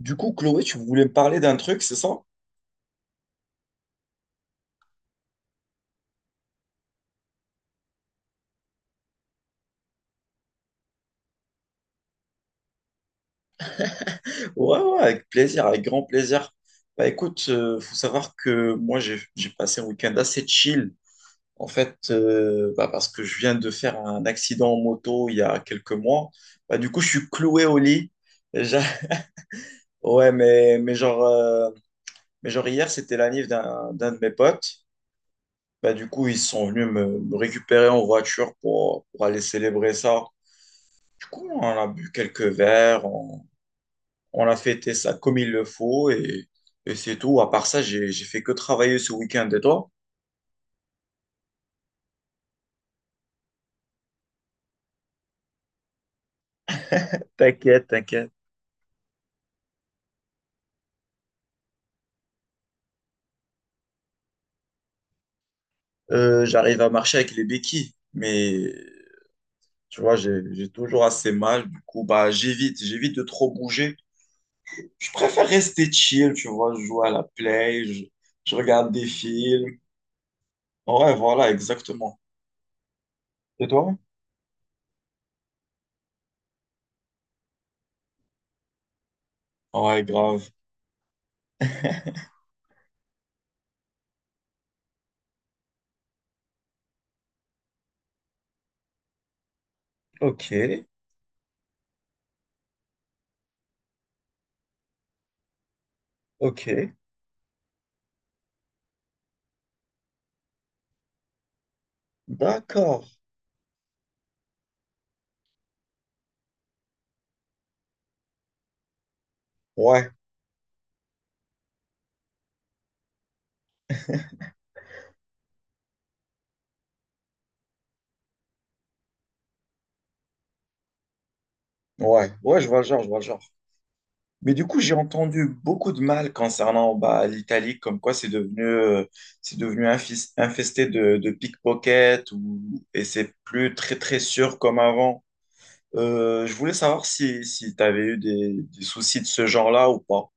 Du coup, Chloé, tu voulais me parler d'un truc, c'est ça? Ouais, ouais, avec plaisir, avec grand plaisir. Bah écoute, faut savoir que moi, j'ai passé un week-end assez chill, en fait, parce que je viens de faire un accident en moto il y a quelques mois. Bah du coup, je suis cloué au lit. Et Ouais, mais genre hier, c'était la l'anniv d'un de mes potes. Bah du coup, ils sont venus me récupérer en voiture pour aller célébrer ça. Du coup, on a bu quelques verres, on a fêté ça comme il le faut et c'est tout. À part ça, j'ai fait que travailler ce week-end. Et toi? T'inquiète, t'inquiète. J'arrive à marcher avec les béquilles, mais tu vois, j'ai toujours assez mal. Du coup, bah, j'évite de trop bouger. Je préfère rester chill, tu vois. Je joue à la play, je regarde des films. Ouais, voilà, exactement. Et toi? Ouais, grave. Ok, ok. D'accord. Ouais, ouais, je vois le genre, je vois le genre. Mais du coup, j'ai entendu beaucoup de mal concernant bah, l'Italie, comme quoi c'est devenu infesté de pickpockets ou, et c'est plus très très sûr comme avant. Je voulais savoir si tu avais eu des soucis de ce genre-là ou pas.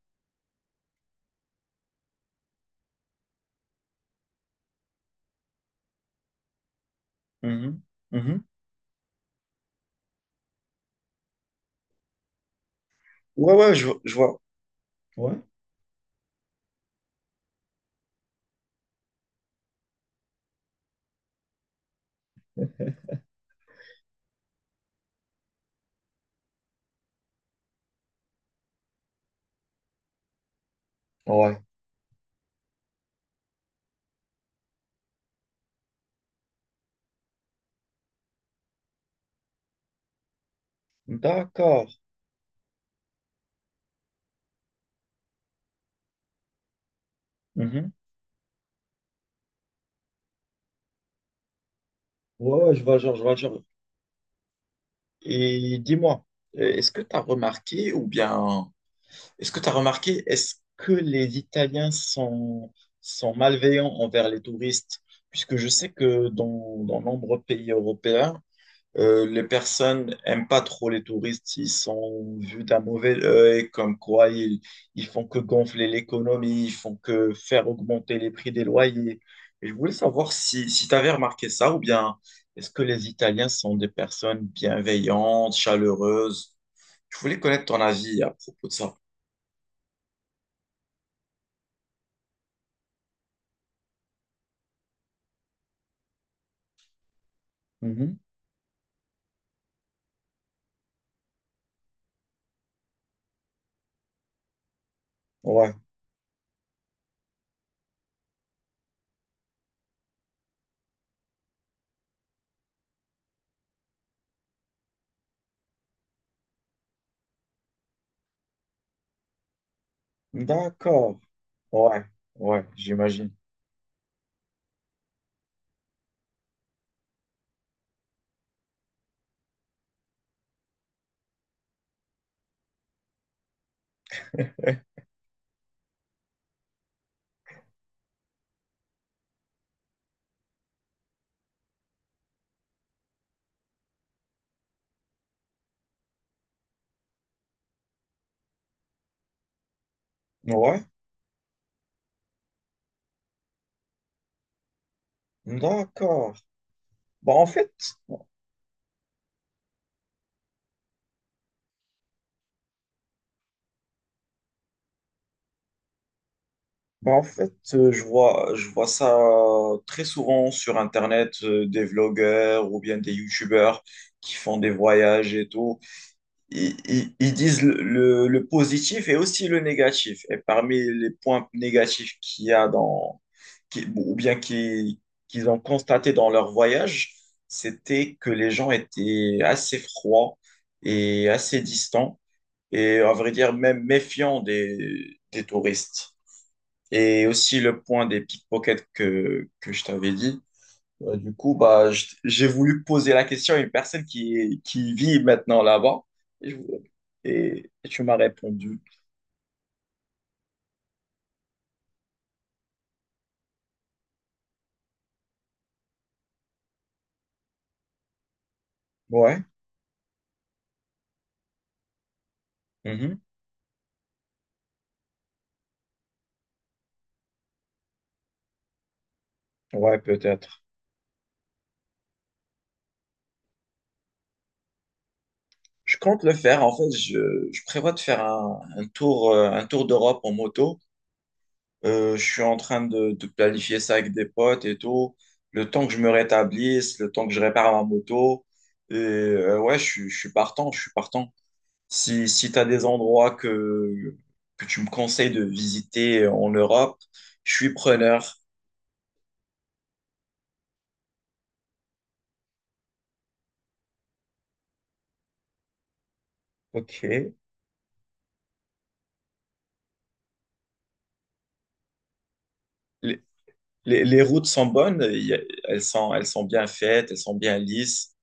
Mhm. Mhm. Ouais, ouais, je vois. Ouais. Ouais. D'accord. Mhm. Ouais, ouais, je vois, genre, je vois, genre. Et dis-moi, est-ce que tu as remarqué ou bien est-ce que tu as remarqué, est-ce que les Italiens sont, sont malveillants envers les touristes? Puisque je sais que dans nombreux pays européens, les personnes n'aiment pas trop les touristes. Ils sont vus d'un mauvais œil, comme quoi ils font que gonfler l'économie, ils font que faire augmenter les prix des loyers. Et je voulais savoir si tu avais remarqué ça ou bien est-ce que les Italiens sont des personnes bienveillantes, chaleureuses? Je voulais connaître ton avis à propos de ça. Ouais, d'accord. Ouais, ouais, j'imagine. Eh, ouais, d'accord. Bah, en fait, Bah, en fait je vois ça très souvent sur Internet, des vlogueurs ou bien des YouTubeurs qui font des voyages et tout. Ils disent le positif et aussi le négatif. Et parmi les points négatifs qu'il y a qui- bon, ou bien qui- qu'ils ont constaté dans leur voyage, c'était que les gens étaient assez froids et assez distants et à vrai dire même méfiants des touristes. Et aussi le point des pickpockets que je t'avais dit. J'ai voulu poser la question à une personne qui vit maintenant là-bas et, je- et tu m'as répondu. Ouais, mhm, ouais, peut-être. Je compte le faire. En fait, je prévois de faire un, un tour d'Europe en moto. Je suis en train de planifier ça avec des potes et tout. Le temps que je me rétablisse, le temps que je répare ma moto. Et ouais, je suis partant, je suis partant. Si tu as des endroits que tu me conseilles de visiter en Europe, je suis preneur. Ok. Les, les routes sont bonnes, elles sont bien faites, elles sont bien lisses.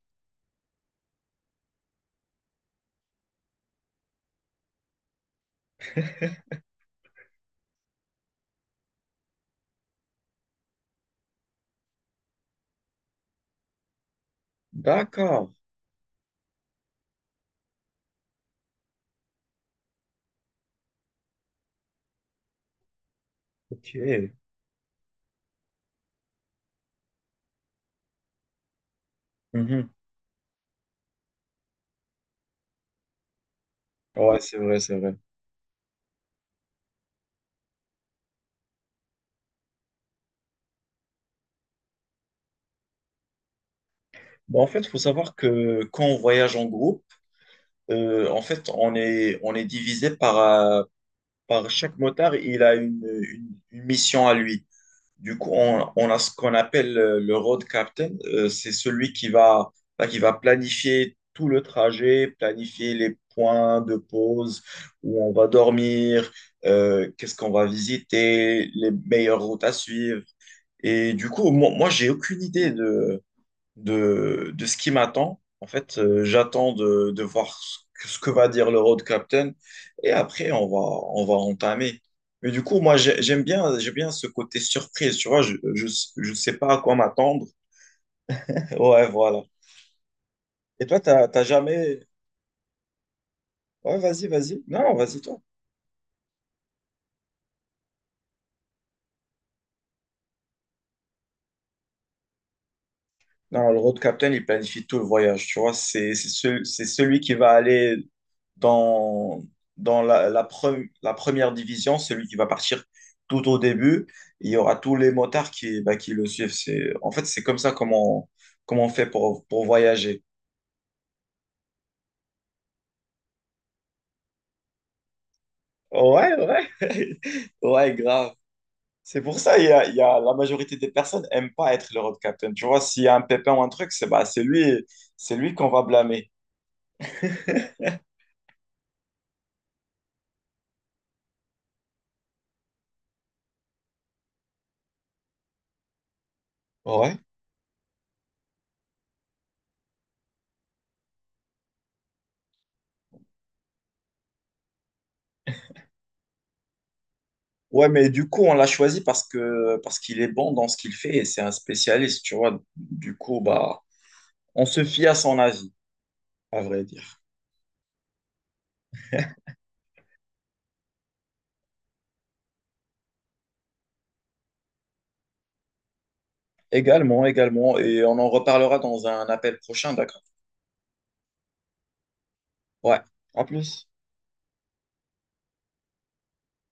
D'accord. Ok. Mhm. Ouais, c'est vrai, c'est vrai. Bon, en fait, il faut savoir que quand on voyage en groupe, on est divisé par, par chaque motard, il a une mission à lui. Du coup, on a ce qu'on appelle le road captain. C'est celui qui va, bah, qui va planifier tout le trajet, planifier les points de pause, où on va dormir, qu'est-ce qu'on va visiter, les meilleures routes à suivre. Et du coup, moi j'ai aucune idée de ce qui m'attend. En fait, j'attends de voir ce que va dire le road captain et après, on va entamer. Mais du coup, j'aime bien ce côté surprise, tu vois, je sais pas à quoi m'attendre. Ouais, voilà. Et toi, t'as jamais... Ouais, vas-y, vas-y. Non, vas-y, toi. Non, le road captain, il planifie tout le voyage, tu vois, c'est celui qui va aller dans, dans la première division, celui qui va partir tout au début. Il y aura tous les motards qui, bah, qui le suivent. C'est, en fait, c'est comme ça comment on, comment on fait pour voyager. Ouais, ouais, ouais, grave. C'est pour ça, la majorité des personnes n'aiment pas être le road captain. Tu vois, s'il y a un pépin ou un truc, c'est lui qu'on va blâmer. Ouais. Ouais, mais du coup, on l'a choisi parce qu'il est bon dans ce qu'il fait et c'est un spécialiste, tu vois. Du coup, bah, on se fie à son avis, à vrai dire. Également, également, et on en reparlera dans un appel prochain, d'accord? Ouais, à plus.